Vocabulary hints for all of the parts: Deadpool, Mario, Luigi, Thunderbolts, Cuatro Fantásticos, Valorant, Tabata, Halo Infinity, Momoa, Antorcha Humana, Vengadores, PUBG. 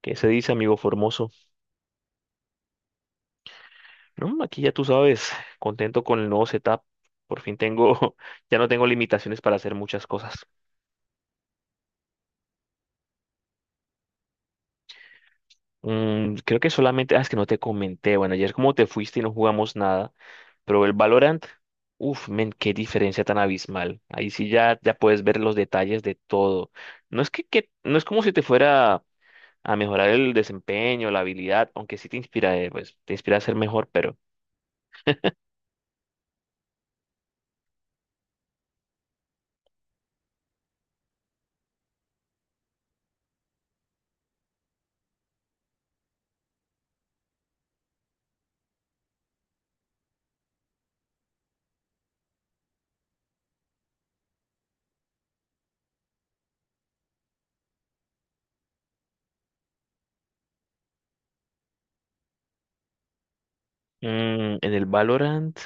¿Qué se dice, amigo Formoso? No, aquí ya tú sabes, contento con el nuevo setup. Por fin tengo, ya no tengo limitaciones para hacer muchas cosas. Creo que solamente, es que no te comenté. Bueno, ayer como te fuiste y no jugamos nada, pero el Valorant, uff, men, qué diferencia tan abismal. Ahí sí ya, ya puedes ver los detalles de todo. No es que, no es como si te fuera a mejorar el desempeño, la habilidad, aunque sí te inspira, pues te inspira a ser mejor, pero en el Valorant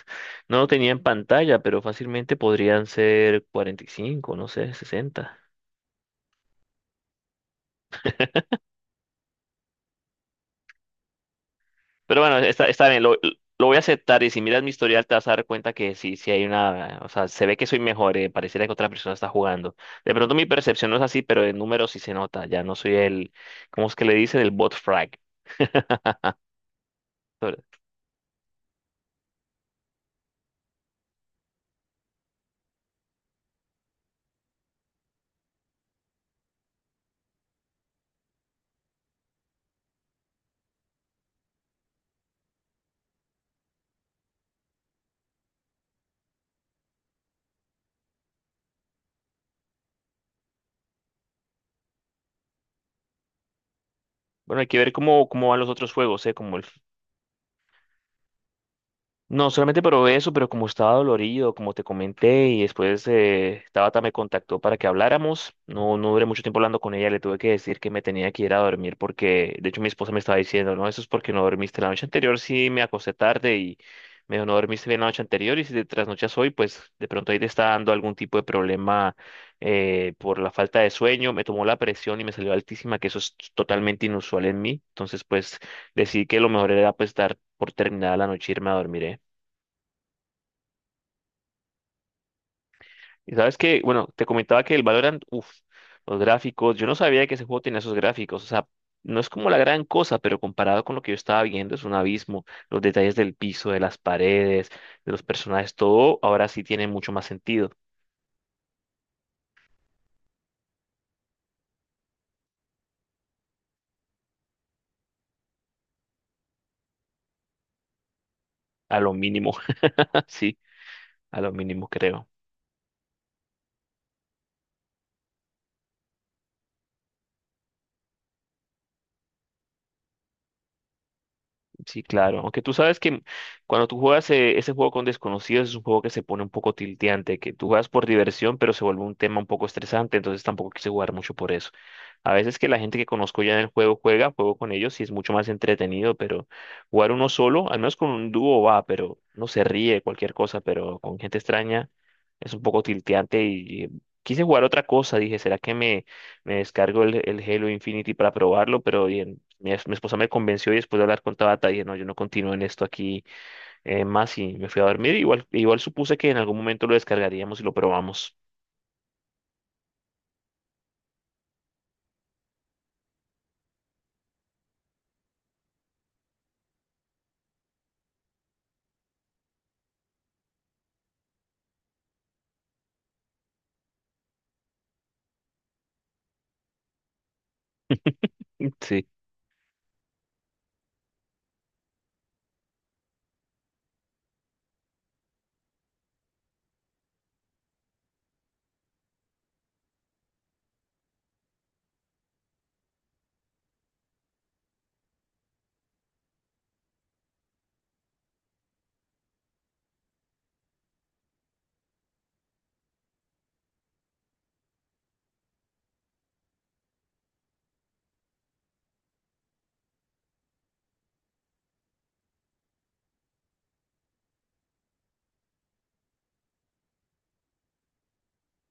no lo tenía en pantalla, pero fácilmente podrían ser 45, no sé, 60. Pero bueno, está bien, lo voy a aceptar y si miras mi historial te vas a dar cuenta que sí, sí hay una, o sea, se ve que soy mejor, pareciera que otra persona está jugando. De pronto mi percepción no es así, pero en números sí se nota, ya no soy ¿cómo es que le dicen? El bot frag. Pero, bueno, hay que ver cómo van los otros juegos, como el... No, solamente probé eso, pero como estaba dolorido, como te comenté, y después Tabata me contactó para que habláramos. No, no duré mucho tiempo hablando con ella, le tuve que decir que me tenía que ir a dormir porque, de hecho, mi esposa me estaba diciendo, no, eso es porque no dormiste la noche anterior, sí me acosté tarde y me dijo, no dormiste bien la noche anterior y si te trasnochas hoy, pues de pronto ahí te está dando algún tipo de problema por la falta de sueño. Me tomó la presión y me salió altísima, que eso es totalmente inusual en mí. Entonces, pues decidí que lo mejor era pues dar por terminada la noche y irme a dormir, ¿eh? Y sabes que, bueno, te comentaba que el Valorant, uff, los gráficos, yo no sabía que ese juego tenía esos gráficos, o sea, no es como la gran cosa, pero comparado con lo que yo estaba viendo, es un abismo. Los detalles del piso, de las paredes, de los personajes, todo ahora sí tiene mucho más sentido, a lo mínimo, sí, a lo mínimo creo. Sí, claro, aunque tú sabes que cuando tú juegas ese juego con desconocidos es un juego que se pone un poco tilteante, que tú juegas por diversión, pero se vuelve un tema un poco estresante, entonces tampoco quise jugar mucho por eso. A veces que la gente que conozco ya en el juego juega, juego con ellos y es mucho más entretenido, pero jugar uno solo, al menos con un dúo va, pero no se ríe, cualquier cosa, pero con gente extraña es un poco tilteante y quise jugar otra cosa, dije, ¿será que me descargo el Halo Infinity para probarlo? Pero bien, mi esposa me convenció y después de hablar con Tabata dije, no, yo no continúo en esto aquí más y me fui a dormir. Igual, igual supuse que en algún momento lo descargaríamos y lo probamos. Sí.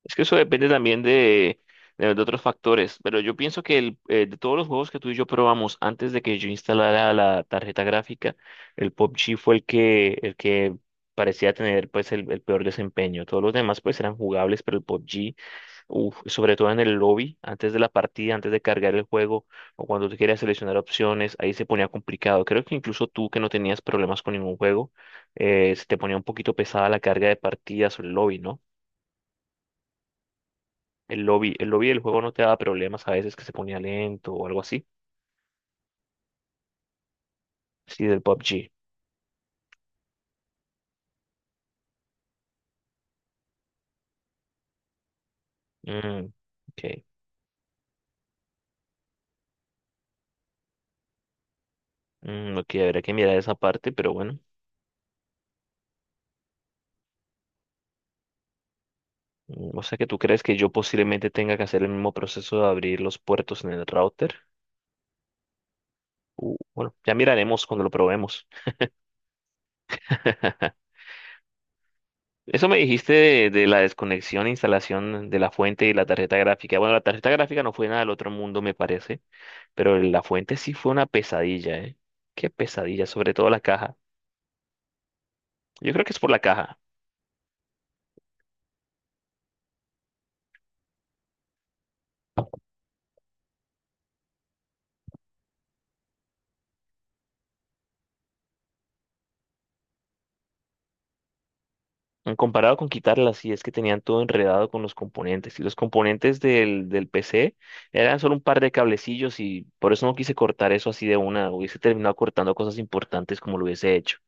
Es que eso depende también de, de otros factores, pero yo pienso que de todos los juegos que tú y yo probamos antes de que yo instalara la tarjeta gráfica, el P U B G fue el que parecía tener pues el peor desempeño. Todos los demás pues eran jugables, pero el PUBG, uf, sobre todo en el lobby, antes de la partida, antes de cargar el juego o cuando tú querías seleccionar opciones, ahí se ponía complicado. Creo que incluso tú que no tenías problemas con ningún juego, se te ponía un poquito pesada la carga de partidas o el lobby, ¿no? El lobby del juego no te da problemas a veces que se ponía lento o algo así. Sí, del PUBG. Mm, ok. Mm, ok, habrá que mirar esa parte, pero bueno. Mm, o sea que tú crees que yo posiblemente tenga que hacer el mismo proceso de abrir los puertos en el router. Bueno, ya miraremos cuando lo probemos. Eso me dijiste de la desconexión e instalación de la fuente y la tarjeta gráfica. Bueno, la tarjeta gráfica no fue nada del otro mundo, me parece, pero la fuente sí fue una pesadilla, ¿eh? Qué pesadilla, sobre todo la caja. Yo creo que es por la caja. Comparado con quitarlas, sí es que tenían todo enredado con los componentes. Y los componentes del PC eran solo un par de cablecillos y por eso no quise cortar eso así de una. Hubiese terminado cortando cosas importantes como lo hubiese hecho.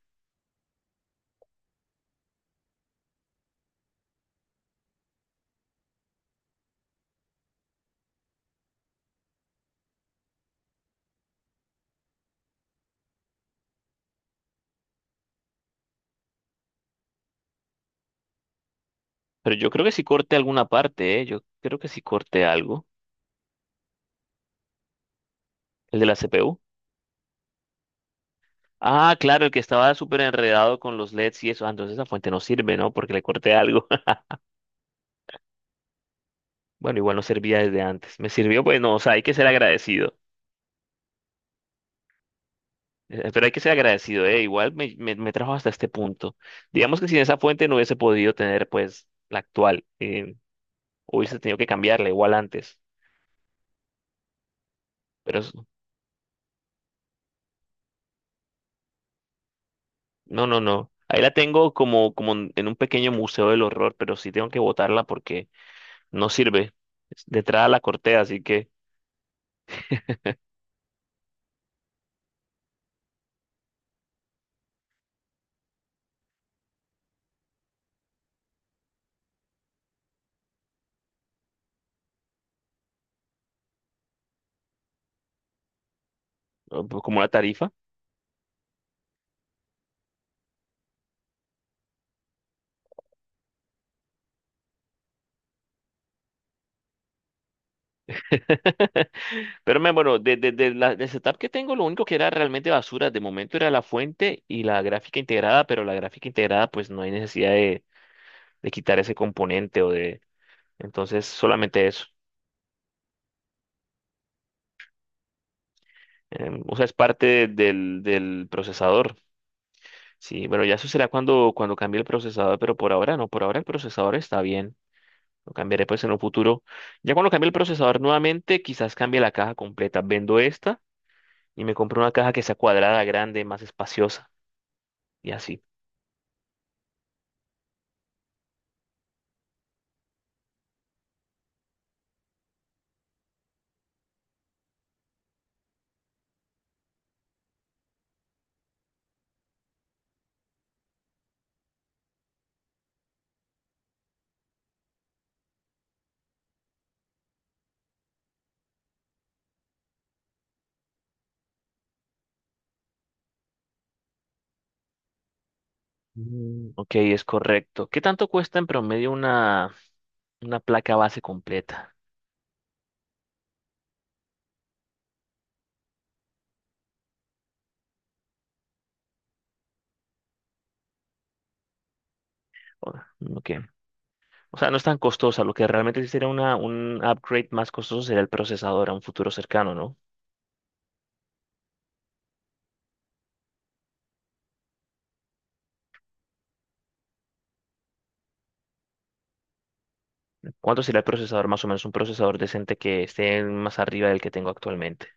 Pero yo creo que sí corté alguna parte, ¿eh? Yo creo que sí corté algo. El de la CPU. Ah, claro, el que estaba súper enredado con los LEDs y eso. Ah, entonces esa fuente no sirve, ¿no? Porque le corté algo. Bueno, igual no servía desde antes. Me sirvió, bueno, o sea, hay que ser agradecido. Pero hay que ser agradecido, ¿eh? Igual me trajo hasta este punto. Digamos que sin esa fuente no hubiese podido tener, pues, la actual. Hubiese tenido que cambiarla igual antes. Pero es- no, no, no. Ahí la tengo como, como en un pequeño museo del horror, pero sí tengo que botarla porque no sirve. Detrás la corté, así que, pues, como la tarifa. Bueno, de, de la, del setup que tengo, lo único que era realmente basura de momento era la fuente y la gráfica integrada, pero la gráfica integrada, pues no hay necesidad de quitar ese componente o de... Entonces, solamente eso. O sea, es parte del procesador. Sí, bueno, ya eso será cuando, cuando cambie el procesador, pero por ahora no, por ahora el procesador está bien. Lo cambiaré pues en un futuro. Ya cuando cambie el procesador nuevamente, quizás cambie la caja completa. Vendo esta y me compro una caja que sea cuadrada, grande, más espaciosa y así. Mm, ok, es correcto. ¿Qué tanto cuesta en promedio una placa base completa? O- ok. O sea, no es tan costosa. Lo que realmente sí sería una, un upgrade más costoso sería el procesador a un futuro cercano, ¿no? ¿Cuánto sería el procesador más o menos? Un procesador decente que esté más arriba del que tengo actualmente.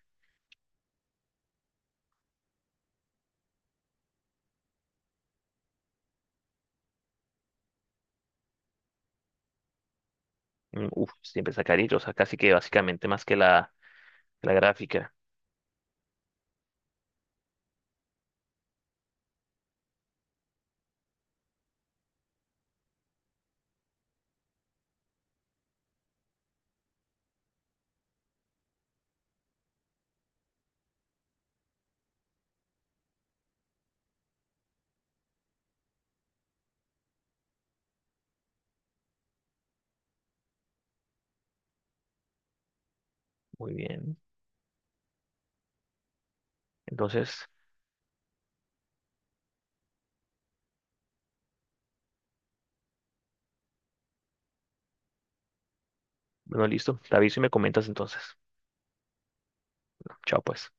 Mm, uf, siempre está carito. O sea, casi que básicamente más que la gráfica. Muy bien. Entonces, bueno, listo. Te aviso y me comentas entonces. Chao, pues.